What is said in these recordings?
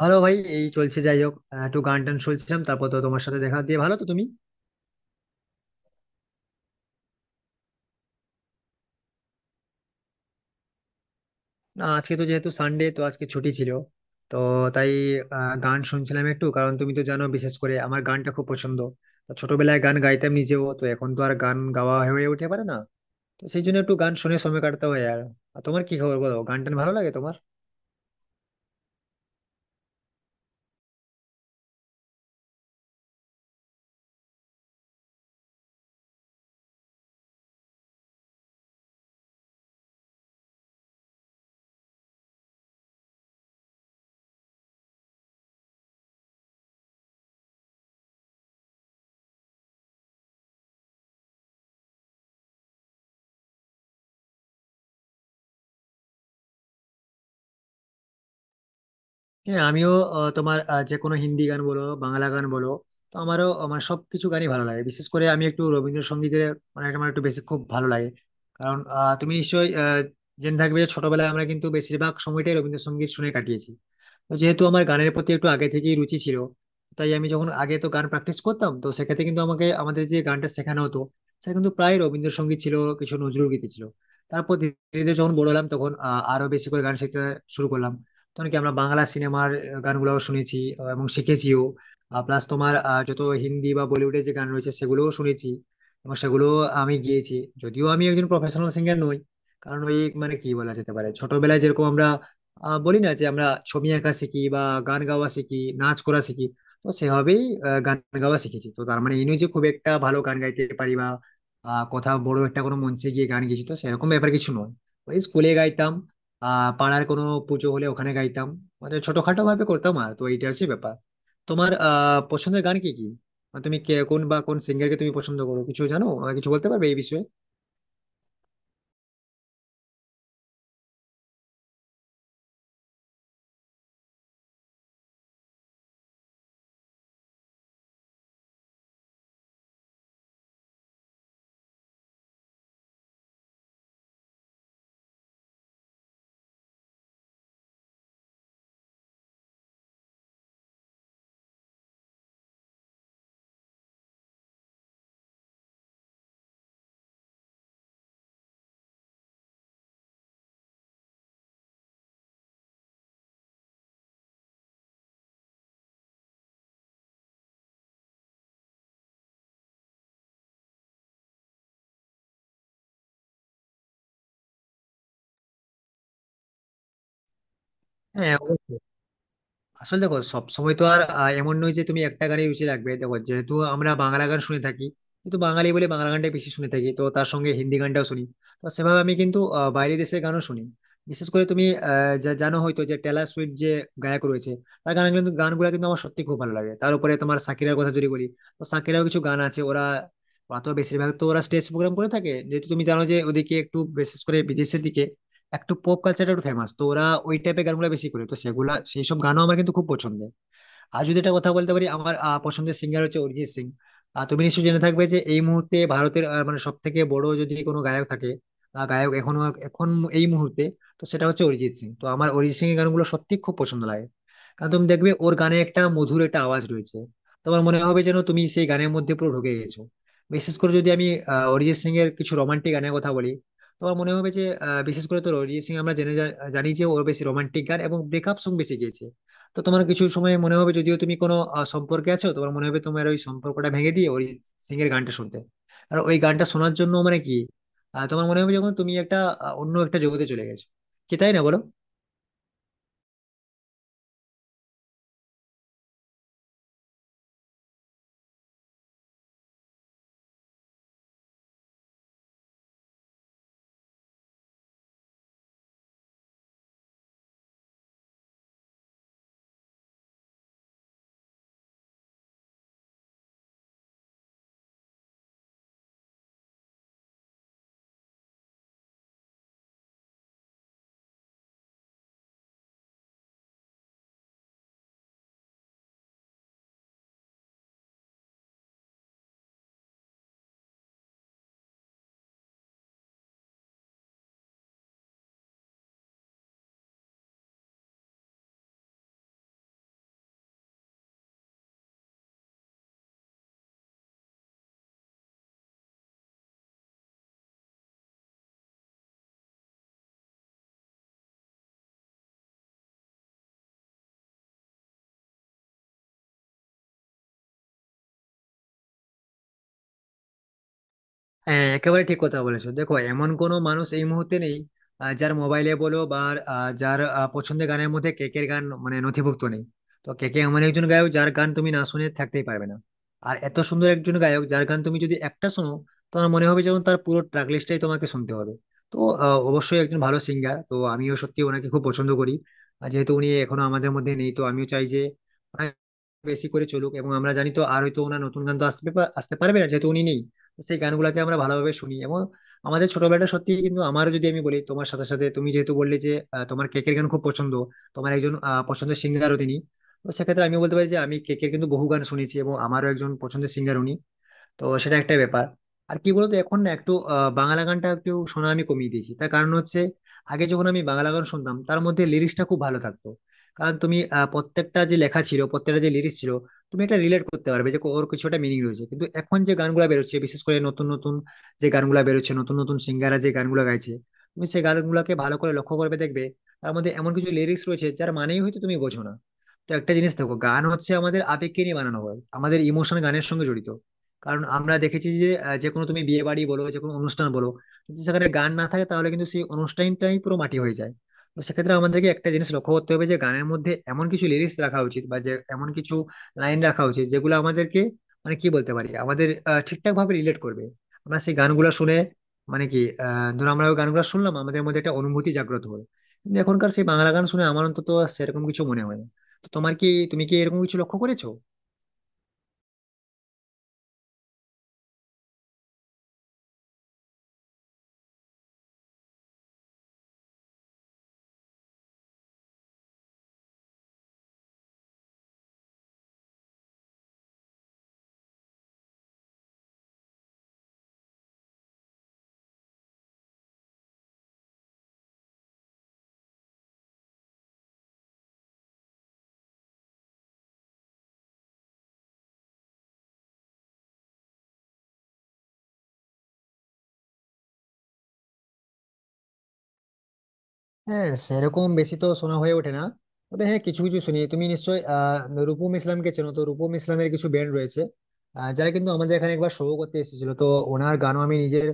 ভালো ভাই, এই চলছে। যাই হোক, একটু গান টান শুনছিলাম। তারপর তো তোমার সাথে দেখা দিয়ে ভালো। তো তুমি? না, আজকে তো যেহেতু সানডে, তো আজকে ছুটি ছিল। তো তাই গান শুনছিলাম একটু। কারণ তুমি তো জানো, বিশেষ করে আমার গানটা খুব পছন্দ। তো ছোটবেলায় গান গাইতাম নিজেও, তো এখন তো আর গান গাওয়া হয়ে উঠে পারে না। তো সেই জন্য একটু গান শুনে সময় কাটতে হয়। আর আর তোমার কি খবর বলো? গান টান ভালো লাগে তোমার? হ্যাঁ আমিও। তোমার যে কোনো হিন্দি গান বলো, বাংলা গান বলো, তো আমারও আমার সবকিছু গানই ভালো লাগে। বিশেষ করে আমি একটু রবীন্দ্রসঙ্গীতের, মানে আমার একটু বেশি খুব ভালো লাগে। কারণ তুমি নিশ্চয়ই জেনে থাকবে যে ছোটবেলায় আমরা কিন্তু বেশিরভাগ সময়টাই রবীন্দ্রসঙ্গীত শুনে কাটিয়েছি। তো যেহেতু আমার গানের প্রতি একটু আগে থেকেই রুচি ছিল, তাই আমি যখন আগে তো গান প্র্যাকটিস করতাম, তো সেক্ষেত্রে কিন্তু আমাকে আমাদের যে গানটা শেখানো হতো, সেটা কিন্তু প্রায় রবীন্দ্রসঙ্গীত ছিল, কিছু নজরুল গীতি ছিল। তারপর ধীরে ধীরে যখন বড় হলাম, তখন আরো বেশি করে গান শিখতে শুরু করলাম। তখন কি আমরা বাংলা সিনেমার গানগুলোও শুনেছি এবং শিখেছিও। প্লাস তোমার যত হিন্দি বা বলিউডের যে গান রয়েছে সেগুলোও শুনেছি এবং সেগুলো আমি গিয়েছি। যদিও আমি একজন প্রফেশনাল সিঙ্গার নই, কারণ ওই মানে কি বলা যেতে পারে, ছোটবেলায় যেরকম আমরা বলি না যে আমরা ছবি আঁকা শিখি বা গান গাওয়া শিখি, নাচ করা শিখি, তো সেভাবেই গান গাওয়া শিখেছি। তো তার মানে এই নয় যে খুব একটা ভালো গান গাইতে পারি বা কোথাও বড় একটা কোনো মঞ্চে গিয়ে গান গেছি, তো সেরকম ব্যাপার কিছু নয়। ওই স্কুলে গাইতাম, পাড়ার কোনো পুজো হলে ওখানে গাইতাম, মানে ছোটখাটো ভাবে করতাম। আর তো এইটা হচ্ছে ব্যাপার। তোমার পছন্দের গান কি কি? মানে তুমি কোন বা কোন সিঙ্গারকে তুমি পছন্দ করো? কিছু জানো, আমাকে কিছু বলতে পারবে এই বিষয়ে? হ্যাঁ অবশ্যই। আসলে দেখো সবসময় তো আর এমন নয় যে তুমি একটা গানে রুচি রাখবে। দেখো যেহেতু আমরা বাংলা গান শুনে থাকি, কিন্তু বাঙালি বলে বাংলা গানটাই বেশি শুনে থাকি, তো তার সঙ্গে হিন্দি গানটাও শুনি। তো সেভাবে আমি কিন্তু বাইরের দেশের গানও শুনি। বিশেষ করে তুমি যা জানো হয়তো, যে টেলর সুইফট যে গায়ক রয়েছে, তার গান কিন্তু গানগুলো কিন্তু আমার সত্যি খুব ভালো লাগে। তার উপরে তোমার শাকিরার কথা যদি বলি, তো শাকিরাও কিছু গান আছে, ওরা ওরা তো বেশিরভাগ তো ওরা স্টেজ প্রোগ্রাম করে থাকে। যেহেতু তুমি জানো যে ওদিকে একটু বিশেষ করে বিদেশের দিকে একটু পপ কালচারটা একটু ফেমাস, তো ওরা ওই টাইপের গানগুলো বেশি করে, তো সেগুলা সেই সব গানও আমার কিন্তু খুব পছন্দের। আর যদি এটা কথা বলতে পারি, আমার পছন্দের সিঙ্গার হচ্ছে অরিজিৎ সিং। আর তুমি নিশ্চয়ই জেনে থাকবে যে এই মুহূর্তে ভারতের মানে সব থেকে বড় যদি কোনো গায়ক থাকে, গায়ক এখনো এখন এই মুহূর্তে, তো সেটা হচ্ছে অরিজিৎ সিং। তো আমার অরিজিৎ সিং এর গানগুলো সত্যি খুব পছন্দ লাগে। কারণ তুমি দেখবে ওর গানে একটা মধুর একটা আওয়াজ রয়েছে। তোমার মনে হবে যেন তুমি সেই গানের মধ্যে পুরো ঢুকে গেছো। বিশেষ করে যদি আমি অরিজিৎ সিং এর কিছু রোমান্টিক গানের কথা বলি, তোমার মনে হবে যে বিশেষ করে তো অরিজিৎ সিং আমরা জানি যে ওর বেশি রোমান্টিক গান এবং ব্রেকআপ সং বেশি গেয়েছে। তো তোমার কিছু সময় মনে হবে, যদিও তুমি কোনো সম্পর্কে আছো, তোমার মনে হবে তোমার ওই সম্পর্কটা ভেঙে দিয়ে অরিজিৎ সিং এর গানটা শুনতে। আর ওই গানটা শোনার জন্য মানে কি তোমার মনে হবে যখন তুমি একটা অন্য একটা জগতে চলে গেছো। কি তাই না বলো? হ্যাঁ একেবারে ঠিক কথা বলেছো। দেখো এমন কোনো মানুষ এই মুহূর্তে নেই যার মোবাইলে বলো বা যার পছন্দের গানের মধ্যে কেকের গান মানে নথিভুক্ত নেই। তো কেকে এমন একজন গায়ক যার গান তুমি না শুনে থাকতেই পারবে না। আর এত সুন্দর একজন গায়ক যার গান তুমি যদি একটা শোনো, তোমার মনে হবে যেমন তার পুরো ট্র্যাক লিস্টটাই তোমাকে শুনতে হবে। তো অবশ্যই একজন ভালো সিঙ্গার, তো আমিও সত্যি ওনাকে খুব পছন্দ করি। আর যেহেতু উনি এখনো আমাদের মধ্যে নেই, তো আমিও চাই যে মানে বেশি করে চলুক। এবং আমরা জানি তো, আর হয়তো ওনার নতুন গান তো আসবে আসতে পারবে না যেহেতু উনি নেই। তো সেই গানগুলোকে আমরা ভালোভাবে শুনি। এবং আমাদের ছোটবেলাটা সত্যি কিন্তু আমারও, যদি আমি বলি, তোমার সাথে সাথে তুমি যেহেতু বললে যে তোমার কেকের গান খুব পছন্দ, তোমার একজন পছন্দের সিঙ্গারও তিনি। তো সেক্ষেত্রে আমি বলতে পারি যে আমি কেকের কিন্তু বহু গান শুনেছি এবং আমারও একজন পছন্দের সিঙ্গার উনি। তো সেটা একটা ব্যাপার। আর কি বলতো, এখন না একটু বাংলা গানটা একটু শোনা আমি কমিয়ে দিয়েছি। তার কারণ হচ্ছে আগে যখন আমি বাংলা গান শুনতাম তার মধ্যে লিরিক্সটা খুব ভালো থাকতো। কারণ তুমি প্রত্যেকটা যে লেখা ছিল, প্রত্যেকটা যে লিরিক্স ছিল, তুমি এটা রিলেট করতে পারবে যে ওর কিছুটা মিনিং রয়েছে। কিন্তু এখন যে গানগুলা বেরোচ্ছে, বিশেষ করে নতুন নতুন যে গানগুলা বেরোচ্ছে, নতুন নতুন সিঙ্গাররা যে গানগুলা গাইছে, তুমি সেই গানগুলাকে ভালো করে লক্ষ্য করবে দেখবে তার মধ্যে এমন কিছু লিরিক্স রয়েছে যার মানেই হয়তো তুমি বোঝো না। তো একটা জিনিস দেখো, গান হচ্ছে আমাদের আবেগকে নিয়ে বানানো হয়, আমাদের ইমোশন গানের সঙ্গে জড়িত। কারণ আমরা দেখেছি যে যে কোনো তুমি বিয়ে বাড়ি বলো, যে কোনো অনুষ্ঠান বলো, যদি সেখানে গান না থাকে তাহলে কিন্তু সেই অনুষ্ঠানটাই পুরো মাটি হয়ে যায়। তো সেক্ষেত্রে আমাদেরকে একটা জিনিস লক্ষ্য করতে হবে যে গানের মধ্যে এমন কিছু লিরিক্স রাখা উচিত বা যে এমন কিছু লাইন রাখা উচিত যেগুলো আমাদেরকে মানে কি বলতে পারি আমাদের ঠিকঠাক ভাবে রিলেট করবে। আমরা সেই গানগুলো শুনে মানে কি ধরো আমরা ওই গানগুলো শুনলাম আমাদের মধ্যে একটা অনুভূতি জাগ্রত হলো। কিন্তু এখনকার সেই বাংলা গান শুনে আমার অন্তত সেরকম কিছু মনে হয় না। তো তোমার কি, তুমি কি এরকম কিছু লক্ষ্য করেছো? হ্যাঁ সেরকম বেশি তো শোনা হয়ে ওঠে না, তবে হ্যাঁ কিছু কিছু শুনি। তুমি নিশ্চয়ই রূপম ইসলামকে চেনো। তো রূপম ইসলামের কিছু ব্যান্ড রয়েছে, যারা কিন্তু আমাদের এখানে একবার শো করতে এসেছিল। তো ওনার গানও আমি নিজের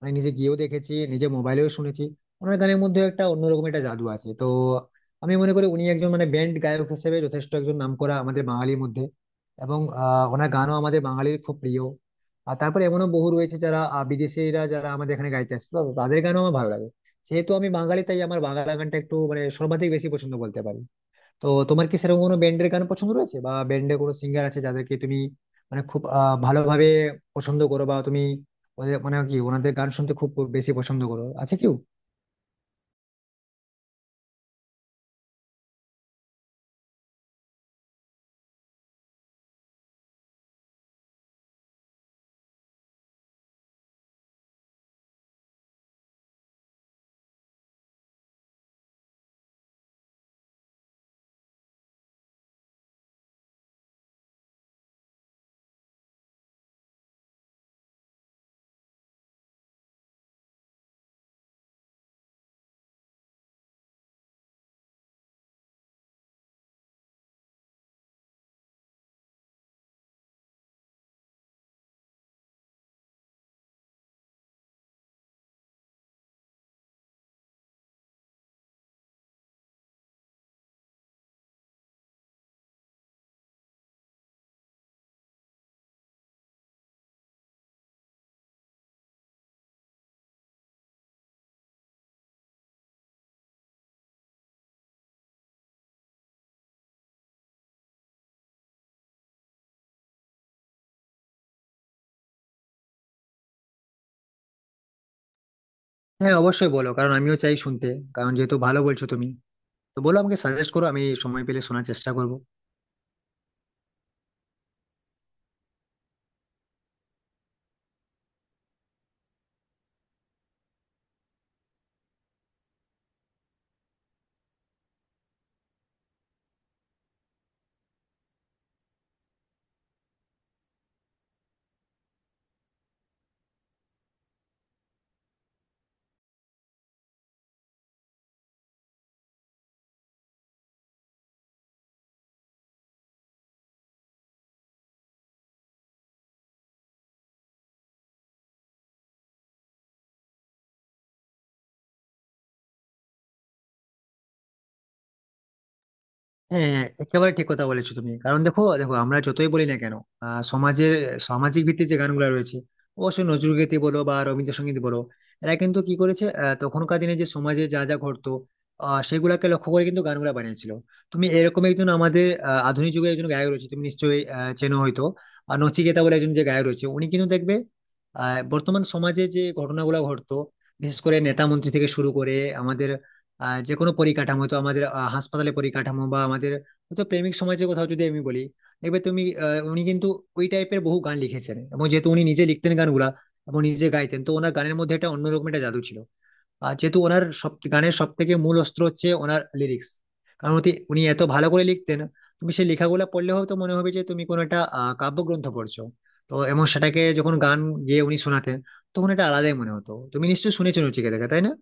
মানে নিজে গিয়েও দেখেছি, নিজে মোবাইলেও শুনেছি। ওনার গানের মধ্যে একটা অন্যরকম একটা জাদু আছে। তো আমি মনে করি উনি একজন মানে ব্যান্ড গায়ক হিসেবে যথেষ্ট একজন নামকরা আমাদের বাঙালির মধ্যে। এবং ওনার গানও আমাদের বাঙালির খুব প্রিয়। আর তারপরে এমনও বহু রয়েছে যারা বিদেশিরা যারা আমাদের এখানে গাইতে আসে, তো তাদের গানও আমার ভালো লাগে। যেহেতু আমি বাঙালি তাই আমার বাংলা গানটা একটু মানে সর্বাধিক বেশি পছন্দ বলতে পারি। তো তোমার কি সেরকম কোনো ব্যান্ডের গান পছন্দ রয়েছে, বা ব্যান্ডের কোনো সিঙ্গার আছে যাদেরকে তুমি মানে খুব ভালোভাবে পছন্দ করো, বা তুমি ওদের মানে কি ওনাদের গান শুনতে খুব বেশি পছন্দ করো, আছে কেউ? হ্যাঁ অবশ্যই বলো, কারণ আমিও চাই শুনতে। কারণ যেহেতু ভালো বলছো তুমি, তো বলো আমাকে সাজেস্ট করো, আমি সময় পেলে শোনার চেষ্টা করবো। হ্যাঁ হ্যাঁ, একেবারে ঠিক কথা বলেছো তুমি। কারণ দেখো দেখো আমরা যতই বলি না কেন, সমাজের সামাজিক ভিত্তিক যে গানগুলো রয়েছে, অবশ্যই নজরুলগীতি বলো বা রবীন্দ্রসঙ্গীত বলো, এরা কিন্তু কি করেছে, তখনকার দিনে যে সমাজে যা যা ঘটতো, সেগুলাকে লক্ষ্য করে কিন্তু গানগুলা বানিয়েছিল। তুমি এরকম একজন আমাদের আধুনিক যুগে একজন গায়ক রয়েছে তুমি নিশ্চয়ই চেনো হয়তো। আর নচিকেতা বলে একজন যে গায়ক রয়েছে, উনি কিন্তু দেখবে বর্তমান সমাজে যে ঘটনাগুলো ঘটতো, বিশেষ করে নেতা মন্ত্রী থেকে শুরু করে আমাদের যে কোনো পরিকাঠামো, তো আমাদের হাসপাতালে পরিকাঠামো বা আমাদের হয়তো প্রেমিক সমাজের কথাও যদি আমি বলি, দেখবে তুমি উনি কিন্তু ওই টাইপের বহু গান লিখেছেন। এবং যেহেতু উনি নিজে লিখতেন গানগুলা এবং নিজে গাইতেন, তো ওনার গানের মধ্যে একটা অন্যরকম একটা জাদু ছিল। আর যেহেতু ওনার সব গানের সব থেকে মূল অস্ত্র হচ্ছে ওনার লিরিক্স, কারণ হচ্ছে উনি এত ভালো করে লিখতেন, তুমি সেই লেখাগুলো পড়লে হয়তো মনে হবে যে তুমি কোনো একটা কাব্যগ্রন্থ পড়ছো। তো এবং সেটাকে যখন গান গেয়ে উনি শোনাতেন, তখন এটা আলাদাই মনে হতো। তুমি নিশ্চয়ই শুনেছো নচিকেতাকে, তাই না?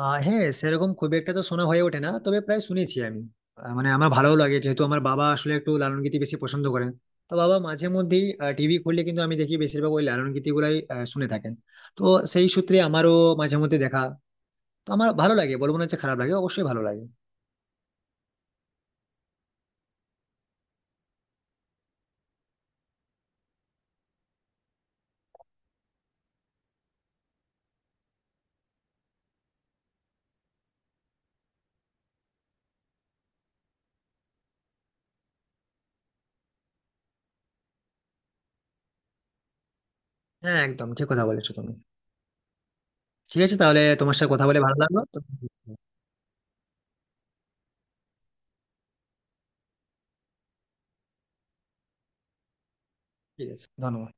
হ্যাঁ সেরকম খুব একটা তো শোনা হয়ে ওঠে না, তবে প্রায় শুনেছি আমি। মানে আমার ভালো লাগে, যেহেতু আমার বাবা আসলে একটু লালন গীতি বেশি পছন্দ করেন। তো বাবা মাঝে মধ্যেই টিভি খুললে কিন্তু আমি দেখি বেশিরভাগ ওই লালন গীতি গুলাই শুনে থাকেন। তো সেই সূত্রে আমারও মাঝে মধ্যে দেখা। তো আমার ভালো লাগে, বলবো না যে খারাপ লাগে, অবশ্যই ভালো লাগে। হ্যাঁ একদম ঠিক কথা বলেছো তুমি। ঠিক আছে, তাহলে তোমার সাথে কথা বলে ভালো লাগলো তো। ঠিক আছে, ধন্যবাদ।